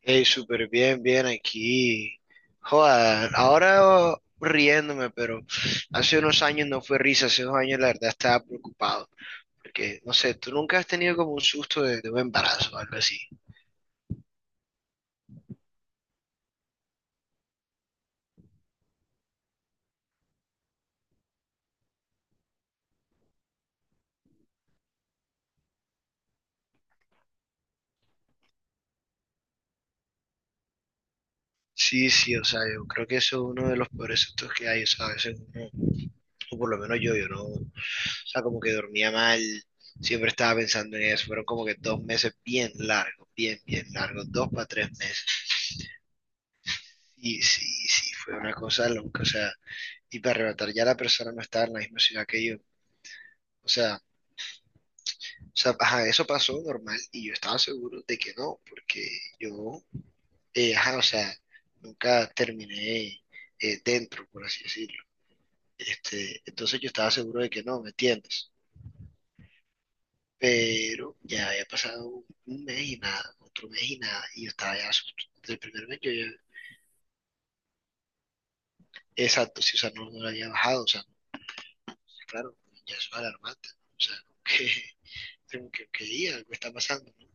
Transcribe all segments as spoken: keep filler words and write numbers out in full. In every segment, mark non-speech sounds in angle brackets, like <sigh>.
Hey, súper bien, bien aquí. Joder, ahora oh, riéndome, pero hace unos años no fue risa, hace unos años la verdad estaba preocupado. Porque, no sé, tú nunca has tenido como un susto de, de un embarazo o algo así. Sí, sí, o sea, yo creo que eso es uno de los peores sustos que hay, o sea, a veces uno, o por lo menos yo, yo no, o sea, como que dormía mal, siempre estaba pensando en eso, fueron como que dos meses bien largos, bien, bien largos, dos para tres meses. Y sí, sí, fue una cosa loca, o sea. Y para arrebatar ya la persona no estaba en la misma ciudad que yo. O sea, o sea, ajá, eso pasó normal y yo estaba seguro de que no, porque yo, eh, ajá, o sea, nunca terminé eh, dentro, por así decirlo. Este, entonces yo estaba seguro de que no, ¿me entiendes? Pero ya había pasado un, un mes y nada, otro mes y nada, y yo estaba ya asustado. El primer mes yo ya, exacto, sí, o sea, no, no lo había bajado, o sea, no, claro, ya eso es alarmante, ¿no? O sea, <laughs> que, tengo que, <laughs> que ir, algo está pasando, ¿no?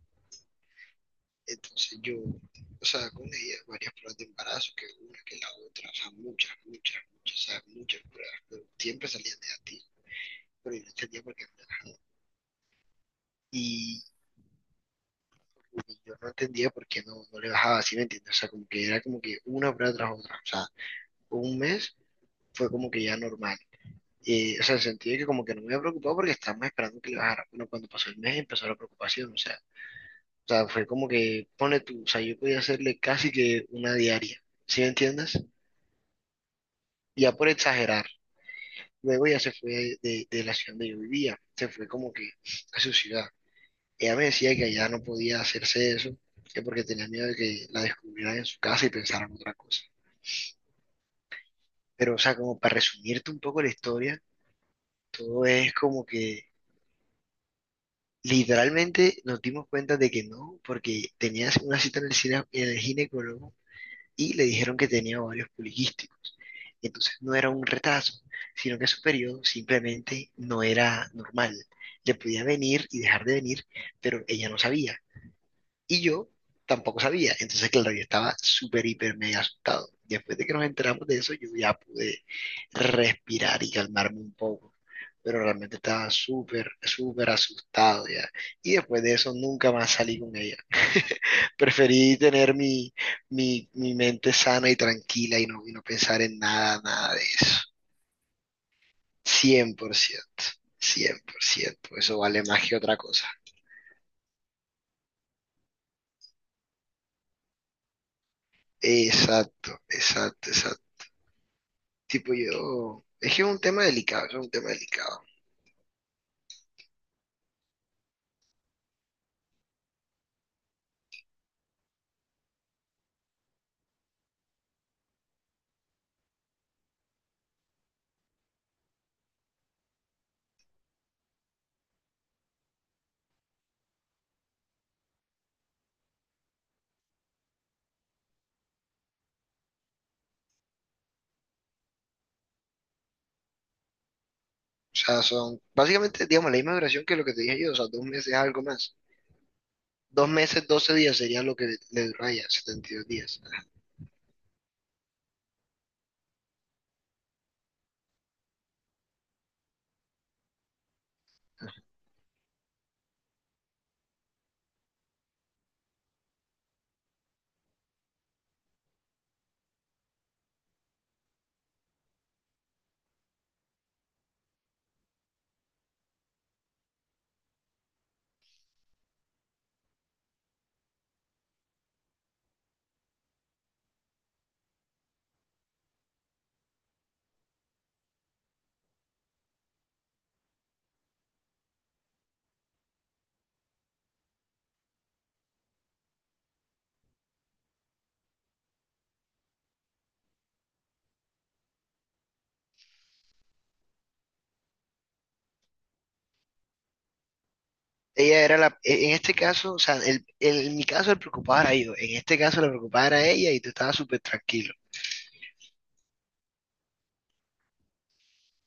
Entonces yo, o sea, con ella, varias pruebas de embarazo, que una, que la otra, o sea, muchas, muchas, muchas, o sea, muchas pruebas, pero siempre salían negativas, pero yo no entendía por qué no le bajaba. Y, y yo no entendía por qué no, no le bajaba, ¿así me entiendes? O sea, como que era como que una prueba tras otra, o sea, un mes fue como que ya normal. Eh, o sea, en el sentido de que como que no me había preocupado porque estábamos esperando que le bajara. Bueno, cuando pasó el mes empezó la preocupación, o sea, o sea, fue como que, pone tú, o sea, yo podía hacerle casi que una diaria, ¿sí me entiendes? Ya por exagerar. Luego ella se fue de, de- de la ciudad donde yo vivía, se fue como que a su ciudad. Ella me decía que allá no podía hacerse eso, que porque tenía miedo de que la descubrieran en su casa y pensaran otra cosa. Pero, o sea, como para resumirte un poco la historia, todo es como que literalmente nos dimos cuenta de que no, porque tenías una cita en el, cine, en el ginecólogo y le dijeron que tenía ovarios poliquísticos. Entonces no era un retraso, sino que su periodo simplemente no era normal. Le podía venir y dejar de venir, pero ella no sabía. Y yo tampoco sabía. Entonces, claro, yo estaba súper, hiper, mega asustado. Después de que nos enteramos de eso, yo ya pude respirar y calmarme un poco. Pero realmente estaba súper, súper asustado ya. Y después de eso, nunca más salí con ella. Preferí tener mi, mi, mi mente sana y tranquila y no, y no pensar en nada, nada de eso. cien cien por ciento, cien por ciento. Eso vale más que otra cosa. Exacto, exacto, exacto. Tipo yo, es que es un tema delicado, es un tema delicado. O sea, son básicamente, digamos, la misma duración que lo que te dije yo, o sea, dos meses algo más. Dos meses, doce días sería lo que le dura a ella, setenta y dos días. Ella era la, e- en este caso, o sea, el, el- en mi caso el preocupado era yo, en este caso la preocupada era ella y tú estabas súper tranquilo.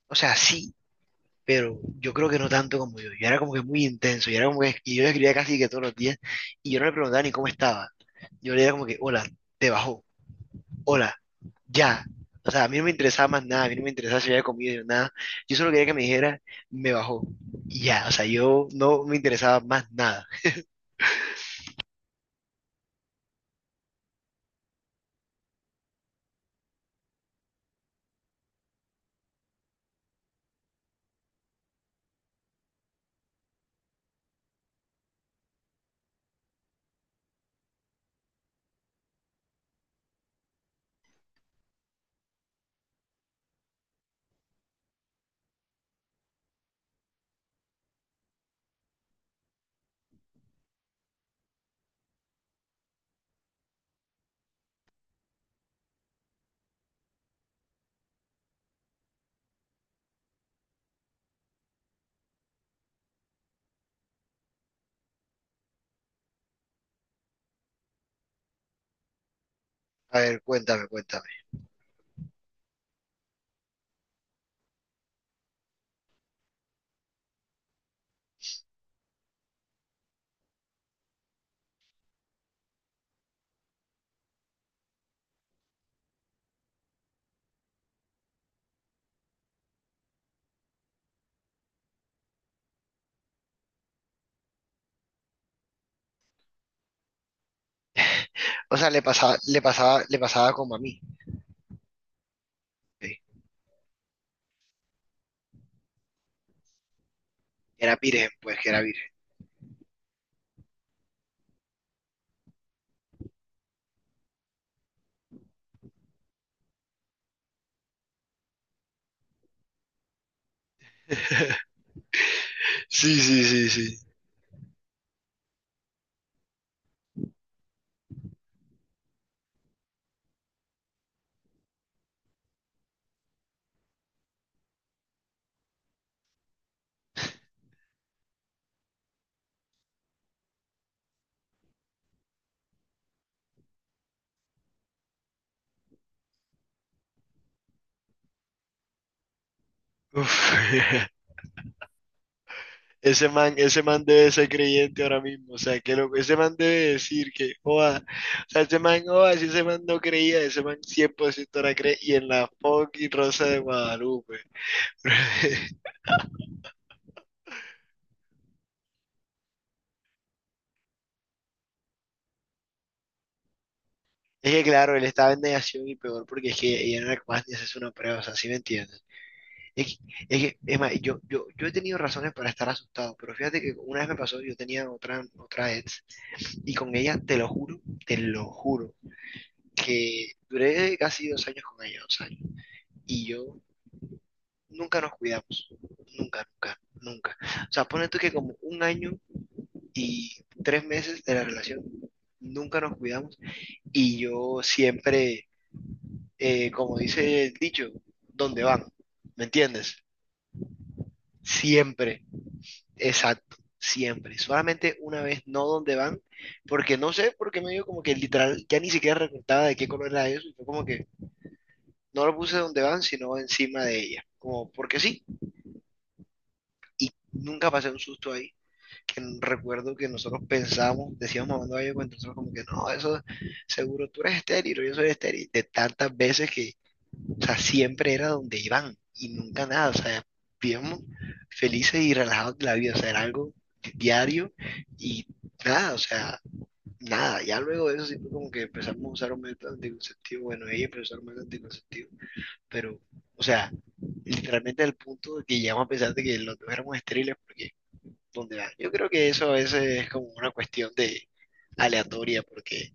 O sea, sí, pero yo creo que no tanto como yo. Yo era como que muy intenso, yo era como que, y yo le escribía casi que todos los días y yo no le preguntaba ni cómo estaba. Yo le decía como que, hola, te bajó, hola, ya. O sea, a mí no me interesaba más nada, a mí no me interesaba si había comido nada. Yo solo quería que me dijera, me bajó, y ya. O sea, yo no me interesaba más nada. A ver, cuéntame, cuéntame. O sea, le pasaba, le pasaba, le pasaba como a mí. ¿Sí? Era virgen, pues que era virgen. Sí, sí, sí, sí. Uf. <laughs> Ese man, ese man debe ser creyente ahora mismo, o sea, que lo, ese man debe decir que, joda, o sea, ese man, joda, si ese man no creía, ese man cien por ciento ahora cree, y en la fucking Rosa de Guadalupe. <laughs> Es que claro, él estaba en negación y peor porque es que ella no era capaz ni hacerse una prueba, o sea, ¿sí me entiendes? Es, que- es, que, es más, yo, yo, yo he tenido razones para estar asustado, pero fíjate que una vez me pasó, yo tenía otra, otra ex, y con ella, te lo juro, te lo juro, que duré casi dos años con ella, dos años, y yo nunca nos cuidamos, nunca, nunca, nunca. O sea, pone tú que como un año y tres meses de la relación, nunca nos cuidamos, y yo siempre, eh, como dice el dicho, ¿dónde van? ¿Me entiendes? Siempre. Exacto, siempre. Solamente una vez, no dónde van, porque no sé por qué me dio como que literal, ya ni siquiera recordaba de qué color era eso, y fue como que no lo puse donde van, sino encima de ella, como porque sí, y nunca pasé un susto ahí, que n- recuerdo que nosotros pensábamos, decíamos mamando gallo con nosotros como que no, eso seguro tú eres estéril, o yo soy estéril, de tantas veces que. O sea, siempre era donde iban y nunca nada. O sea, vivíamos felices y relajados de la vida. O sea, era algo di- diario y nada, o sea, nada. Ya luego de eso sí fue como que empezamos a usar un método anticonceptivo. Bueno, ella empezó a usar un método anticonceptivo, pero, o sea, literalmente al punto de que llegamos a pensar de que los dos éramos estériles porque, ¿dónde va? Yo creo que eso a veces es como una cuestión de aleatoria porque,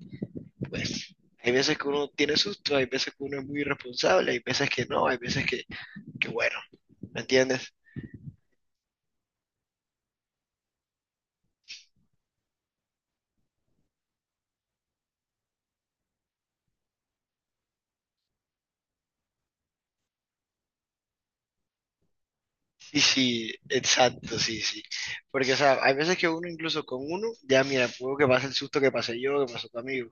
pues, hay veces que uno tiene susto, hay veces que uno es muy irresponsable, hay veces que no, hay veces que. Qué bueno, ¿me entiendes? Sí, sí, exacto, sí, sí. Porque, o sea, hay veces que uno incluso con uno, ya mira, puedo que pase el susto que pasé yo, que pasó tu amigo,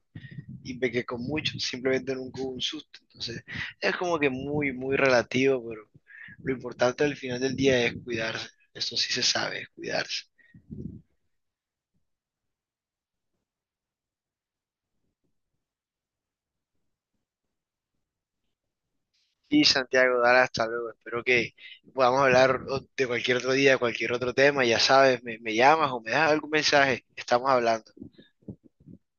y ve que con muchos simplemente nunca hubo un susto. Entonces, es como que muy, muy relativo, pero lo importante al final del día es cuidarse. Esto sí se sabe, es cuidarse. Y Santiago, Dara, hasta luego. Espero que podamos hablar o- de cualquier otro día, de cualquier otro tema. Ya sabes, me, me llamas o me das algún mensaje. Estamos hablando.